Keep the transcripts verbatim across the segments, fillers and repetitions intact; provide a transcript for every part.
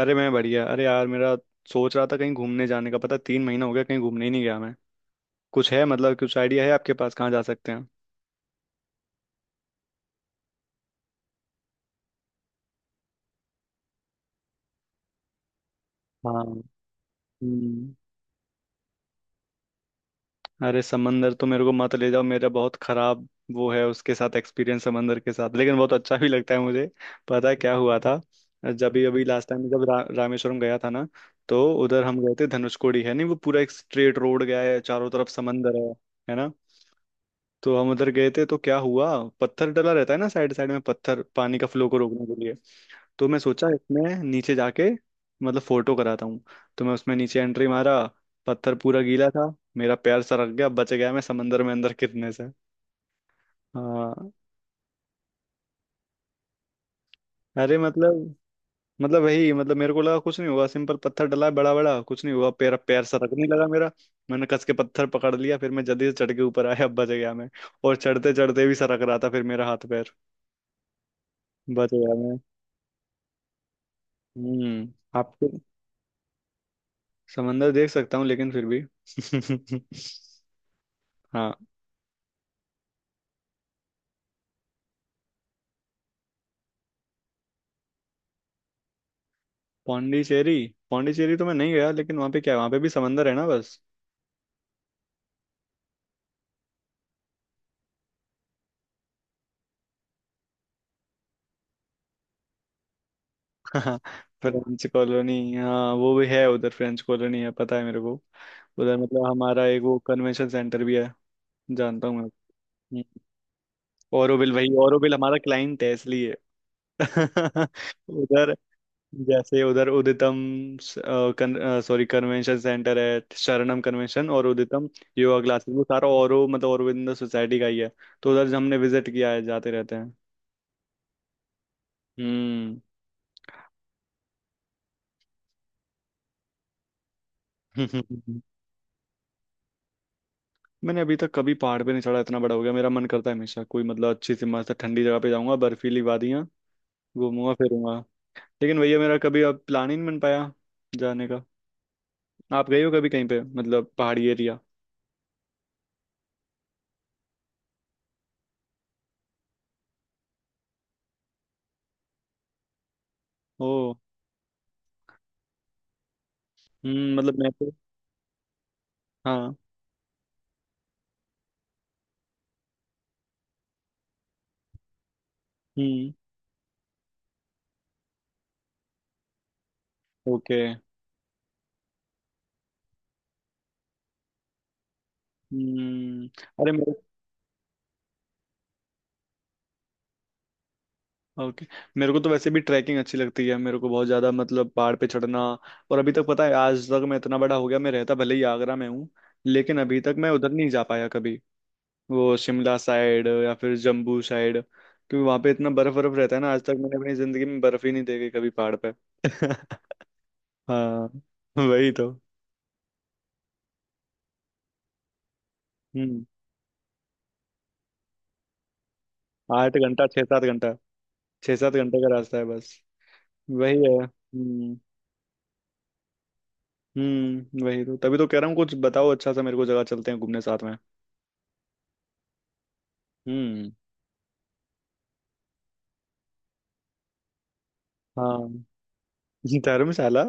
अरे मैं बढ़िया। अरे यार, मेरा सोच रहा था कहीं घूमने जाने का। पता, तीन महीना हो गया कहीं घूमने ही नहीं गया मैं। कुछ है, मतलब कुछ आइडिया है आपके पास कहाँ जा सकते हैं? हाँ। हम्म। अरे समंदर तो मेरे को मत ले जाओ। मेरा बहुत खराब वो है उसके साथ एक्सपीरियंस, समंदर के साथ। लेकिन बहुत अच्छा भी लगता है मुझे। पता है क्या हुआ था? जब भी अभी लास्ट टाइम जब रा, रामेश्वरम गया था ना, तो उधर हम गए थे। धनुषकोडी है नहीं, वो पूरा एक स्ट्रेट रोड गया है, चारों तरफ समंदर है। है ना। तो हम उधर गए थे, तो क्या हुआ, पत्थर डला रहता है ना साइड साइड में, पत्थर, पानी का फ्लो को रोकने के लिए। तो मैं सोचा इसमें नीचे जाके मतलब फोटो कराता हूँ। तो मैं उसमें नीचे एंट्री मारा। पत्थर पूरा गीला था, मेरा पैर सरक गया, बच गया मैं समंदर में अंदर गिरने से। हाँ। अरे मतलब मतलब वही मतलब मेरे को लगा कुछ नहीं हुआ, सिंपल पत्थर डला है बड़ा बड़ा, कुछ नहीं हुआ, पैर पैर सरकने लगा मेरा। मैंने कस के पत्थर पकड़ लिया, फिर मैं जल्दी से चढ़ के ऊपर आया, बच गया मैं। और चढ़ते चढ़ते भी सरक रहा था फिर मेरा हाथ पैर। बच गया। हम्म, आपको। समंदर देख सकता हूँ, लेकिन फिर भी हाँ। पौंडीचेरी। पौंडीचेरी तो मैं नहीं गया, लेकिन वहाँ पे क्या है, वहाँ पे भी समंदर है ना बस। फ्रेंच कॉलोनी, हाँ वो भी है उधर, फ्रेंच कॉलोनी है, पता है मेरे को। उधर मतलब हमारा एक वो कन्वेंशन सेंटर भी है। जानता हूँ मैं। ओरोविल, वही ओरोविल हमारा क्लाइंट है इसलिए। उधर जैसे उधर उदितम, सॉरी कन्वेंशन सेंटर है। शरणम कन्वेंशन और उदितम योगा क्लासेस, वो सारा औरो मतलब औरविंदो सोसाइटी का ही है। तो उधर हमने विजिट किया है, जाते रहते हैं। हम्म। मैंने अभी तक कभी पहाड़ पे नहीं चढ़ा। इतना बड़ा हो गया, मेरा मन करता है हमेशा कोई मतलब अच्छी सी मस्त ठंडी जगह पे जाऊंगा, बर्फीली वादियां घूमूंगा फिरूंगा। लेकिन भैया मेरा कभी अब प्लान ही नहीं बन पाया जाने का। आप गए हो कभी कहीं पे मतलब पहाड़ी एरिया? ओ। हम्म, मतलब मैं तो। हाँ। हम्म। ओके। हम्म। अरे मेरे। ओके। मेरे को तो वैसे भी ट्रैकिंग अच्छी लगती है, मेरे को बहुत ज्यादा, मतलब पहाड़ पे चढ़ना। और अभी तक पता है, आज तक, मैं इतना बड़ा हो गया, मैं रहता भले ही आगरा में हूँ, लेकिन अभी तक मैं उधर नहीं जा पाया कभी वो शिमला साइड या फिर जम्बू साइड। क्योंकि वहां पे इतना बर्फ बर्फ रहता है ना, आज तक मैंने अपनी जिंदगी में बर्फ ही नहीं देखी कभी पहाड़ पे। हाँ। वही तो। हम्म। आठ घंटा, छह सात घंटा, छह सात घंटे का रास्ता है बस। वही है। हम्म। हम्म, वही तो, तभी तो कह रहा हूँ कुछ बताओ अच्छा सा मेरे को, जगह चलते हैं घूमने साथ में। हम्म। हाँ। धर्मशाला।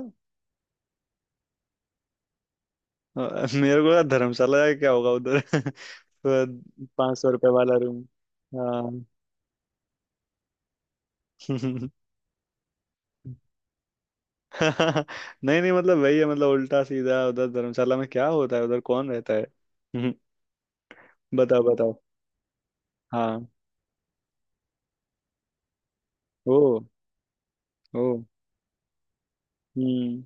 अ, मेरे को लगा धर्मशाला जाके क्या होगा उधर पाँच सौ रुपए वाला रूम। हाँ। नहीं नहीं, मतलब वही है, मतलब उल्टा सीधा, उधर धर्मशाला में क्या होता है, उधर कौन रहता है हम्म। बताओ बताओ। हाँ। ओ। ओ। हम्म।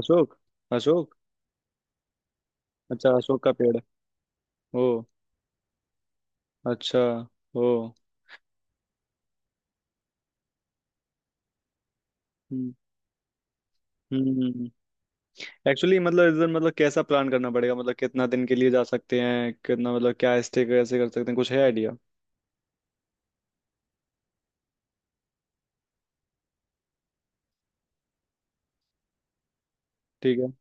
अशोक। अशोक। अच्छा, अशोक का पेड़। ओ। अच्छा। ओ। हम्म। हम्म। एक्चुअली मतलब इधर मतलब कैसा प्लान करना पड़ेगा, मतलब कितना दिन के लिए जा सकते हैं, कितना, मतलब क्या स्टे कैसे कर सकते हैं, कुछ है आइडिया? ठीक है।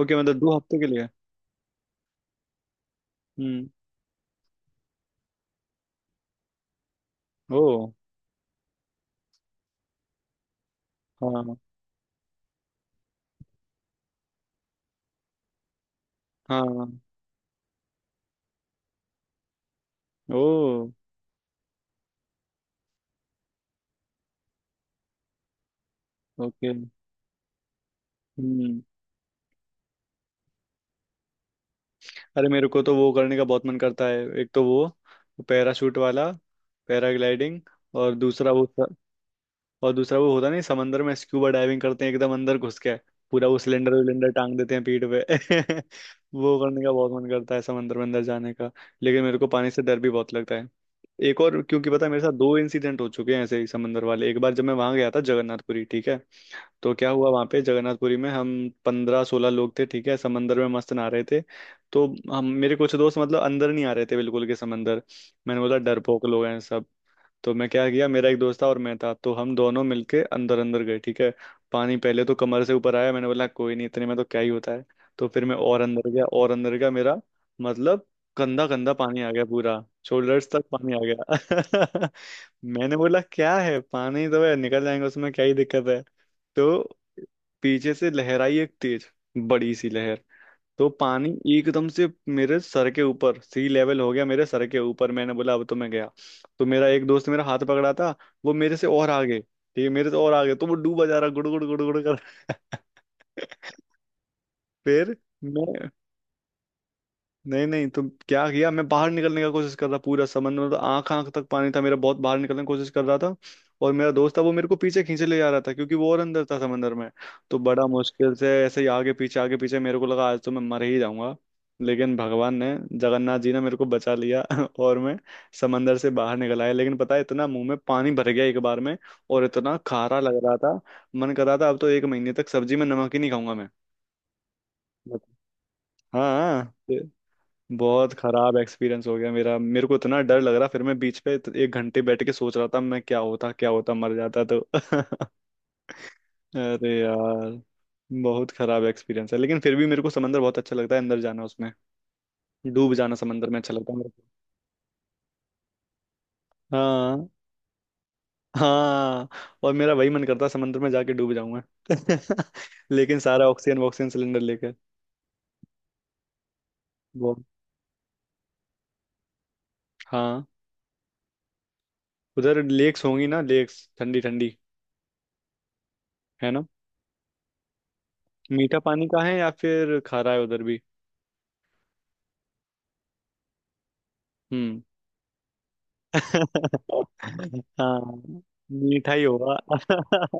ओके, मतलब दो हफ्ते के लिए। हम्म। ओ। हाँ हाँ। ओ। ओके। हम्म। अरे मेरे को तो वो करने का बहुत मन करता है। एक तो वो पैराशूट वाला, पैराग्लाइडिंग। और दूसरा वो, और दूसरा वो होता नहीं, समंदर में स्क्यूबा डाइविंग करते हैं एकदम अंदर घुस के, पूरा वो सिलेंडर विलेंडर टांग देते हैं पीठ पे वो करने का बहुत मन करता है समंदर में अंदर जाने का। लेकिन मेरे को पानी से डर भी बहुत लगता है। एक और, क्योंकि पता है मेरे साथ दो इंसिडेंट हो चुके हैं ऐसे ही समंदर वाले। एक बार जब मैं वहां गया था जगन्नाथपुरी, ठीक है, तो क्या हुआ वहां पे जगन्नाथपुरी में, हम पंद्रह सोलह लोग थे, ठीक है, समंदर में मस्त नहा रहे थे। तो हम, मेरे कुछ दोस्त मतलब अंदर नहीं आ रहे थे बिल्कुल के समंदर। मैंने बोला डरपोक लोग हैं सब। तो मैं क्या किया, मेरा एक दोस्त था और मैं था, तो हम दोनों मिलके अंदर अंदर गए, ठीक है, पानी पहले तो कमर से ऊपर आया। मैंने बोला कोई नहीं, इतने में तो क्या ही होता है। तो फिर मैं और अंदर गया, और अंदर गया मेरा, मतलब गंदा गंदा पानी आ गया पूरा, शोल्डर्स तक पानी आ गया। मैंने बोला क्या है, पानी तो है, निकल जाएंगे उसमें, क्या ही दिक्कत है। तो पीछे से लहर आई एक तेज, बड़ी सी लहर। तो पानी एकदम से मेरे सर के ऊपर सी लेवल हो गया, मेरे सर के ऊपर। मैंने बोला अब तो मैं गया। तो मेरा एक दोस्त मेरा हाथ पकड़ा था, वो मेरे से और आगे, ठीक है, मेरे से और आगे, तो वो डूबा जा रहा गुड़ गुड़ गुड़ गुड़ कर। फिर मैं। नहीं नहीं, तो क्या किया मैं बाहर निकलने का कोशिश कर रहा, पूरा समंदर में तो आंख आंख तक पानी था मेरा, बहुत बाहर निकलने की कोशिश कर रहा था। और मेरा दोस्त था, वो मेरे को पीछे खींचे ले जा रहा था क्योंकि वो और अंदर था समंदर में। तो बड़ा मुश्किल से ऐसे ही आगे पीछे आगे पीछे, मेरे को लगा आज तो मैं मर ही जाऊंगा। लेकिन भगवान ने, जगन्नाथ जी ने मेरे को बचा लिया और मैं समंदर से बाहर निकल आया, लेकिन पता है इतना मुंह में पानी भर गया एक बार में, और इतना खारा लग रहा था, मन कर रहा था अब तो एक महीने तक सब्जी में नमक ही नहीं खाऊंगा मैं। हाँ हाँ। बहुत खराब एक्सपीरियंस हो गया मेरा, मेरे को इतना डर लग रहा, फिर मैं बीच पे तो एक घंटे बैठ के सोच रहा था मैं, क्या होता क्या होता, मर जाता तो अरे यार, बहुत खराब एक्सपीरियंस है, लेकिन फिर भी मेरे को समंदर बहुत अच्छा लगता है, अंदर जाना उसमें, डूब जाना समंदर में अच्छा लगता है मेरे को। हाँ। हाँ, और मेरा वही मन करता है समंदर में जाके डूब जाऊंगा। लेकिन सारा ऑक्सीजन वॉक्सीजन सिलेंडर लेकर। वो। हाँ। उधर लेक्स होंगी ना, लेक्स ठंडी ठंडी, है ना। मीठा पानी का है या फिर खारा है उधर भी? हम्म। हाँ। मीठा ही होगा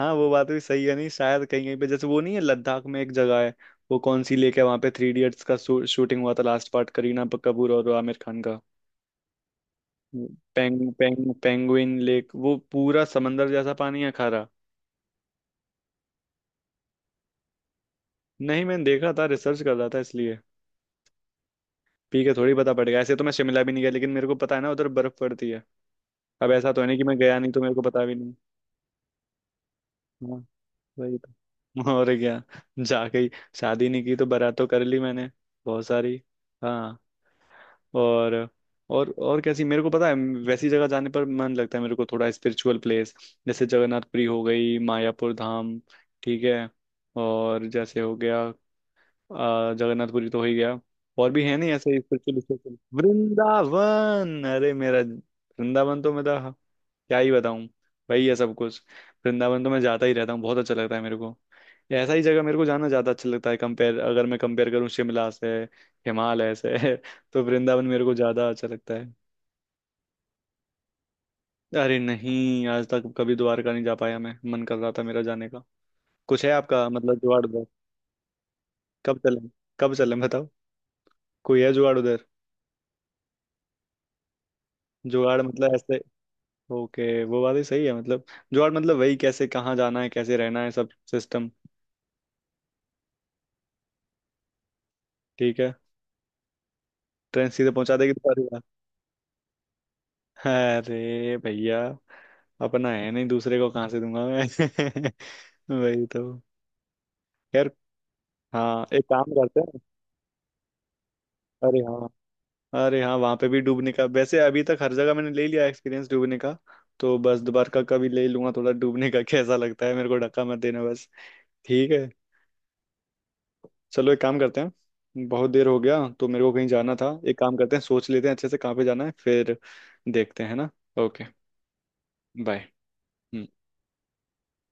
हाँ, वो बात भी सही है। नहीं शायद कहीं कहीं पे जैसे वो नहीं है, लद्दाख में एक जगह है, वो कौन सी लेक है वहां पे, थ्री इडियट्स का शूटिंग हुआ था लास्ट पार्ट, करीना कपूर और आमिर खान का। पेंग पेंग पेंगुइन लेक, वो पूरा समंदर जैसा पानी है, खारा। नहीं, मैंने देखा था, रिसर्च कर रहा था इसलिए। पी के थोड़ी पता पड़ गया, ऐसे तो मैं शिमला भी नहीं गया लेकिन मेरे को पता है ना उधर बर्फ पड़ती है। अब ऐसा तो है नहीं कि मैं गया नहीं तो मेरे को पता भी नहीं। हाँ। वही तो और क्या, जा गई। शादी नहीं की तो बारात तो कर ली मैंने बहुत सारी। हाँ। और, और और कैसी मेरे को पता है, वैसी जगह जाने पर मन लगता है मेरे को, थोड़ा स्पिरिचुअल प्लेस। जैसे जगन्नाथपुरी हो गई, मायापुर धाम, ठीक है, और जैसे हो गया आ, जगन्नाथपुरी तो हो ही गया, और भी है नहीं ऐसे स्पिरिचुअल स्पिरिचुअल वृंदावन। अरे मेरा वृंदावन तो मेरा क्या ही बताऊं, वही है सब कुछ। वृंदावन तो मैं जाता ही रहता हूँ, बहुत अच्छा लगता है मेरे को। ये ऐसा ही जगह मेरे को जाना ज्यादा अच्छा लगता है, कंपेयर अगर मैं कंपेयर करूँ शिमला से, हिमालय से तो वृंदावन मेरे को ज्यादा अच्छा लगता है। अरे नहीं, आज तक कभी द्वारका नहीं जा पाया मैं, मन कर रहा था मेरा जाने का। कुछ है आपका मतलब जुगाड़ उधर? कब चलें, कब चलें बताओ, कोई है जुगाड़ उधर? जुगाड़ मतलब ऐसे। ओके, वो बात ही सही है, मतलब जुगाड़ मतलब वही, कैसे कहाँ जाना है, कैसे रहना है, सब सिस्टम। ठीक है, ट्रेन सीधे पहुंचा देगी। अरे भैया, अपना है नहीं, दूसरे को कहाँ से दूंगा मैं वही तो। खैर। हाँ, एक काम करते हैं। अरे हाँ, अरे हाँ वहाँ पे भी डूबने का। वैसे अभी तक हर जगह मैंने ले लिया एक्सपीरियंस डूबने का, तो बस दोबारा का कभी ले लूंगा थोड़ा, डूबने का कैसा लगता है मेरे को, धक्का मत देना बस। ठीक है। चलो एक काम करते हैं, बहुत देर हो गया तो मेरे को कहीं जाना था। एक काम करते हैं, सोच लेते हैं अच्छे से कहाँ पे जाना है फिर। देखते हैं ना। ओके। बाय।